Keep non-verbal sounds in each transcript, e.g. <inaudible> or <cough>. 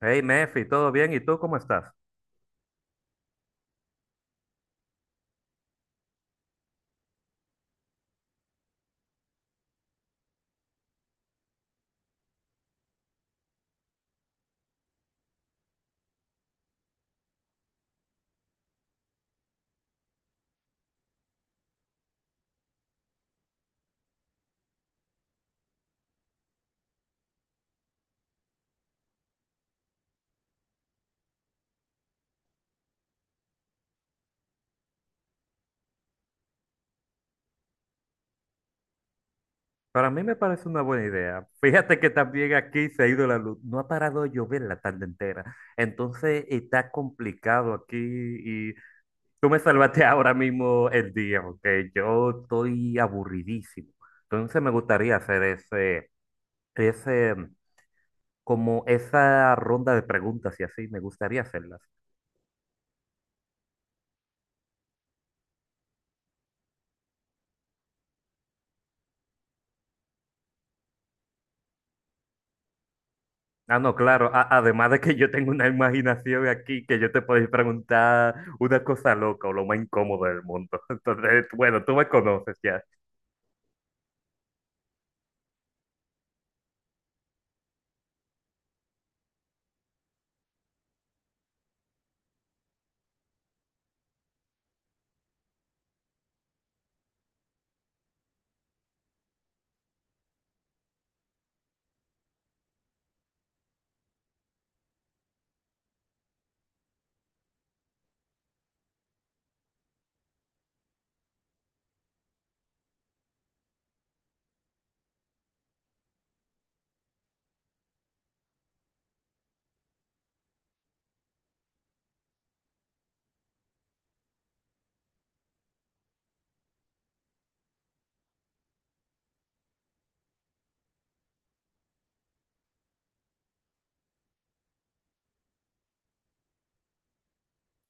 Hey, Mefi, ¿todo bien? ¿Y tú cómo estás? Para mí me parece una buena idea. <laughs> Fíjate que también aquí se ha ido la luz. No ha parado de llover la tarde entera. Entonces está complicado aquí y tú me salvaste <laughs> ahora mismo el día, porque yo estoy aburridísimo. Entonces me gustaría hacer ese, como esa ronda de preguntas y así, me gustaría hacerlas. Ah, no, claro. Además de que yo tengo una imaginación aquí que yo te podéis preguntar una cosa loca o lo más incómodo del mundo. <laughs> Entonces, bueno, tú me conoces ya.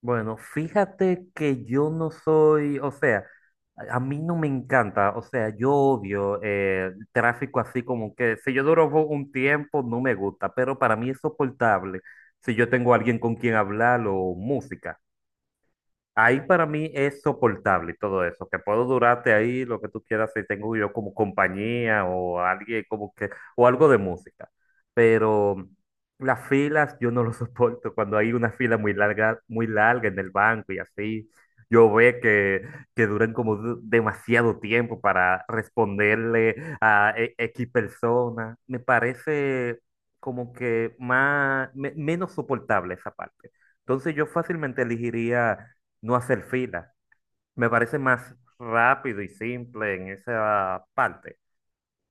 Bueno, fíjate que yo no soy, o sea, a mí no me encanta, o sea, yo odio el tráfico así como que si yo duro un tiempo no me gusta, pero para mí es soportable si yo tengo a alguien con quien hablar o música. Ahí para mí es soportable todo eso, que puedo durarte ahí lo que tú quieras si tengo yo como compañía o alguien como que, o algo de música. Pero las filas yo no lo <laughs> soporto cuando hay una fila muy larga en el banco y así. Yo veo que duran como demasiado tiempo para responderle a X persona. Me parece como que más, menos soportable esa parte. Entonces yo fácilmente elegiría no hacer fila. Me parece más rápido y simple en esa parte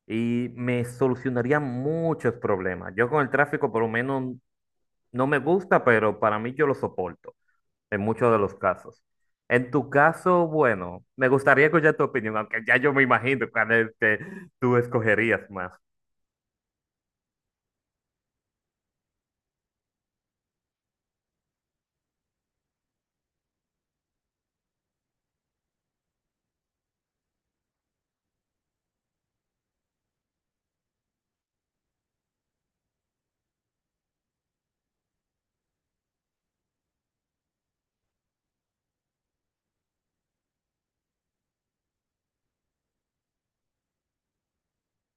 y me solucionaría muchos problemas. Yo con el tráfico por lo menos no me gusta, pero para mí yo lo soporto en muchos de los casos. En tu caso, bueno, me gustaría escuchar tu opinión, aunque ya yo me imagino cuál es que tú escogerías más.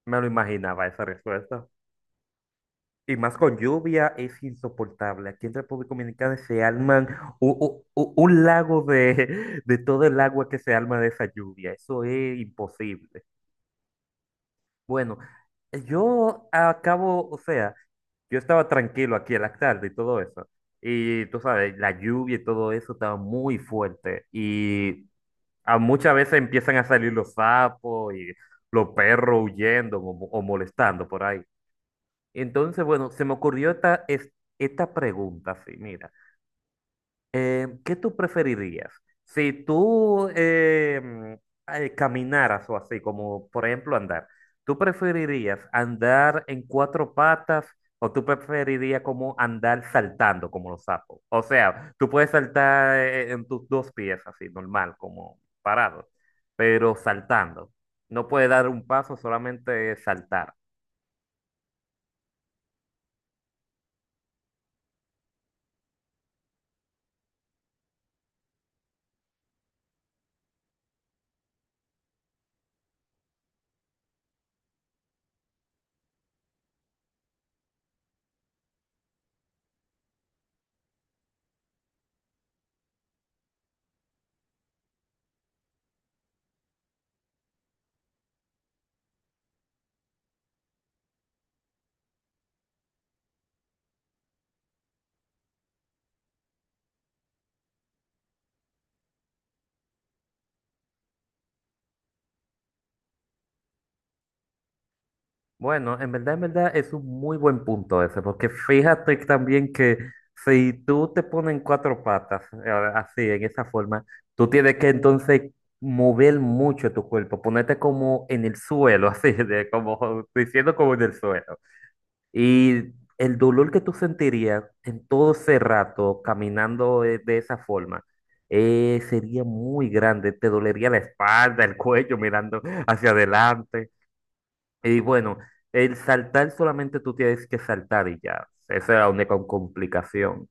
Me lo imaginaba esa respuesta. Y más con lluvia es insoportable. Aquí en República Dominicana se alman un, lago de todo el agua que se alma de esa lluvia. Eso es imposible. Bueno, yo acabo, o sea, yo estaba tranquilo aquí en la tarde y todo eso. Y tú sabes, la lluvia y todo eso estaba muy fuerte. Y a muchas veces empiezan a salir los sapos y los perros huyendo o o molestando por ahí. Entonces, bueno, se me ocurrió esta pregunta, sí, mira, ¿qué tú preferirías? Si tú caminaras o así, como por ejemplo andar, ¿tú preferirías andar en cuatro patas o tú preferirías como andar saltando como los sapos? O sea, tú puedes saltar en tus dos pies así, normal, como parado, pero saltando. No puedes dar un paso, solamente saltar. Bueno, en verdad es un muy buen punto ese, porque fíjate también que si tú te pones en cuatro patas, así, en esa forma, tú tienes que entonces mover mucho tu cuerpo, ponerte como en el suelo, <laughs> así, de como diciendo como en el suelo. Y el dolor que tú sentirías en todo ese rato caminando de esa forma. Sería muy grande, te dolería la espalda, el cuello mirando hacia adelante. Y bueno, el saltar solamente tú tienes que saltar y ya. Esa es la única complicación.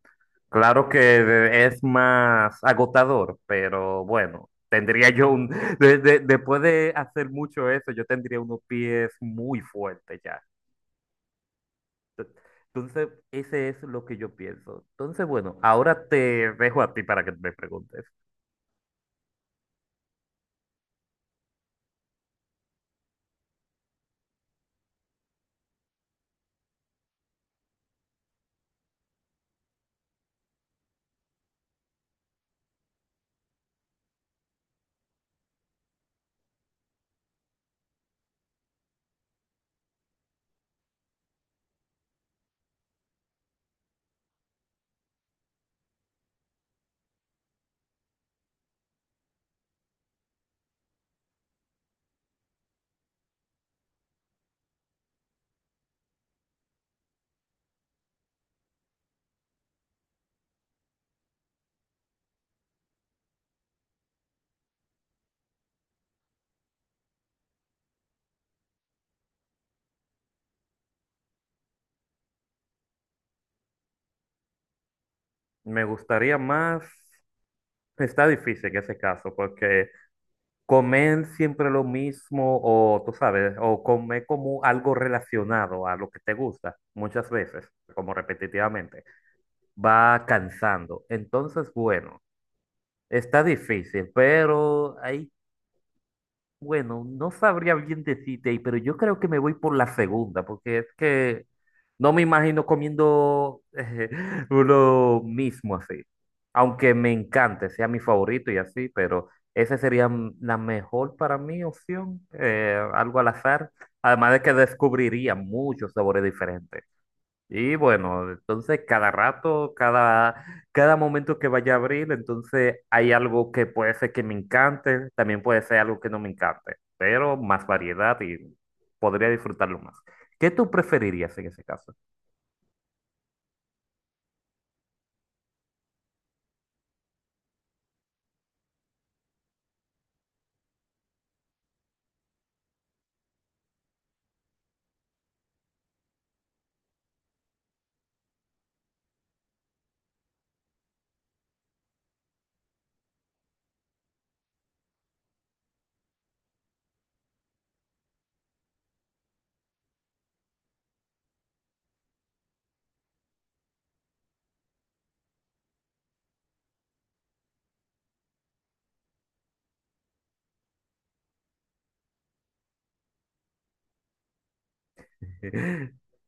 Claro que es más agotador, pero bueno, tendría yo un... <laughs> después de hacer mucho eso, yo tendría unos pies muy fuertes ya. Entonces, ese es lo que yo pienso. Entonces, bueno, ahora te dejo a ti para que me preguntes. Me gustaría más... Está difícil en ese caso, porque comer siempre lo mismo o tú sabes, o comer como algo relacionado a lo que te gusta muchas veces, como repetitivamente, va cansando. Entonces, bueno, está difícil, pero no sabría bien decirte, pero yo creo que me voy por la segunda, porque es que no me imagino comiendo <laughs> uno mismo así. Aunque me encante, sea mi favorito y así, pero esa sería la mejor para mí opción, algo al azar. Además de que descubriría muchos sabores diferentes. Y bueno, entonces cada momento que vaya a abrir, entonces hay algo que puede ser que me encante, también puede ser algo que no me encante, pero más variedad y podría disfrutarlo más. ¿Qué tú preferirías en ese caso? <laughs>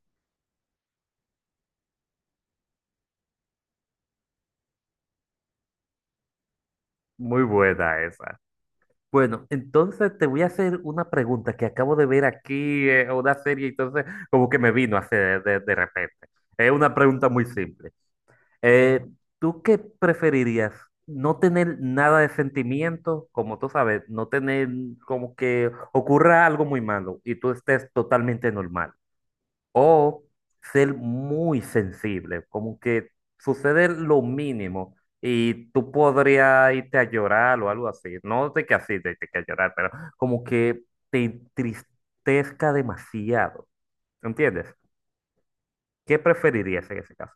Muy buena esa. Bueno, entonces te voy a hacer una pregunta que acabo de ver aquí, una serie, entonces como que me vino a hacer de repente. Es una pregunta muy simple. Eh, ¿Tú qué preferirías? No tener nada de sentimiento, como tú sabes, no tener como que ocurra algo muy malo y tú estés totalmente normal. O ser muy sensible, como que sucede lo mínimo y tú podrías irte a llorar o algo así. No de que así, de que a llorar, pero como que te entristezca demasiado. ¿Entiendes? ¿Qué preferirías en ese caso?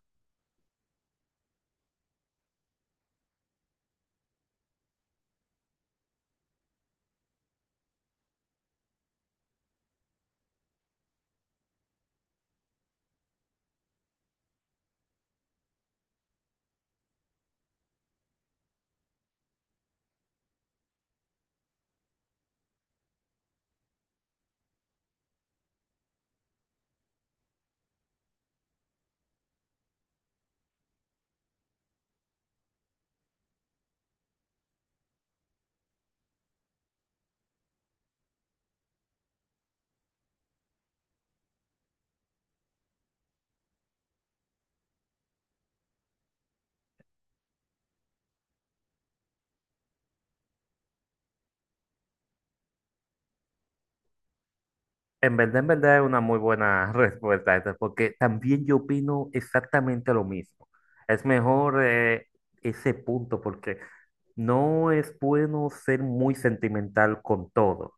En verdad es una muy buena <laughs> respuesta esa, porque también yo opino exactamente lo mismo. Es mejor ese punto porque no es bueno ser muy sentimental con todo.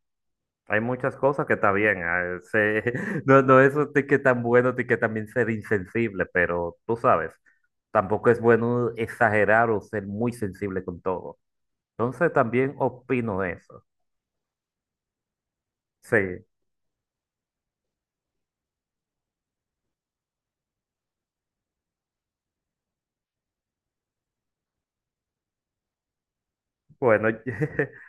Hay muchas cosas que está bien, <laughs> no, no es de que tan bueno, de que también ser insensible, pero tú sabes, tampoco es bueno exagerar o ser muy sensible con todo. Entonces también opino eso. Sí, bueno. <laughs>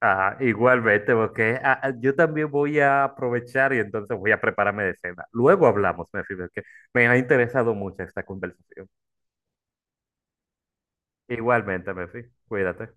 Ah, igualmente, porque yo también voy a aprovechar y entonces voy a prepararme de cena. Luego hablamos, Mefi, porque me ha interesado mucho esta conversación. Igualmente, Mefi, cuídate.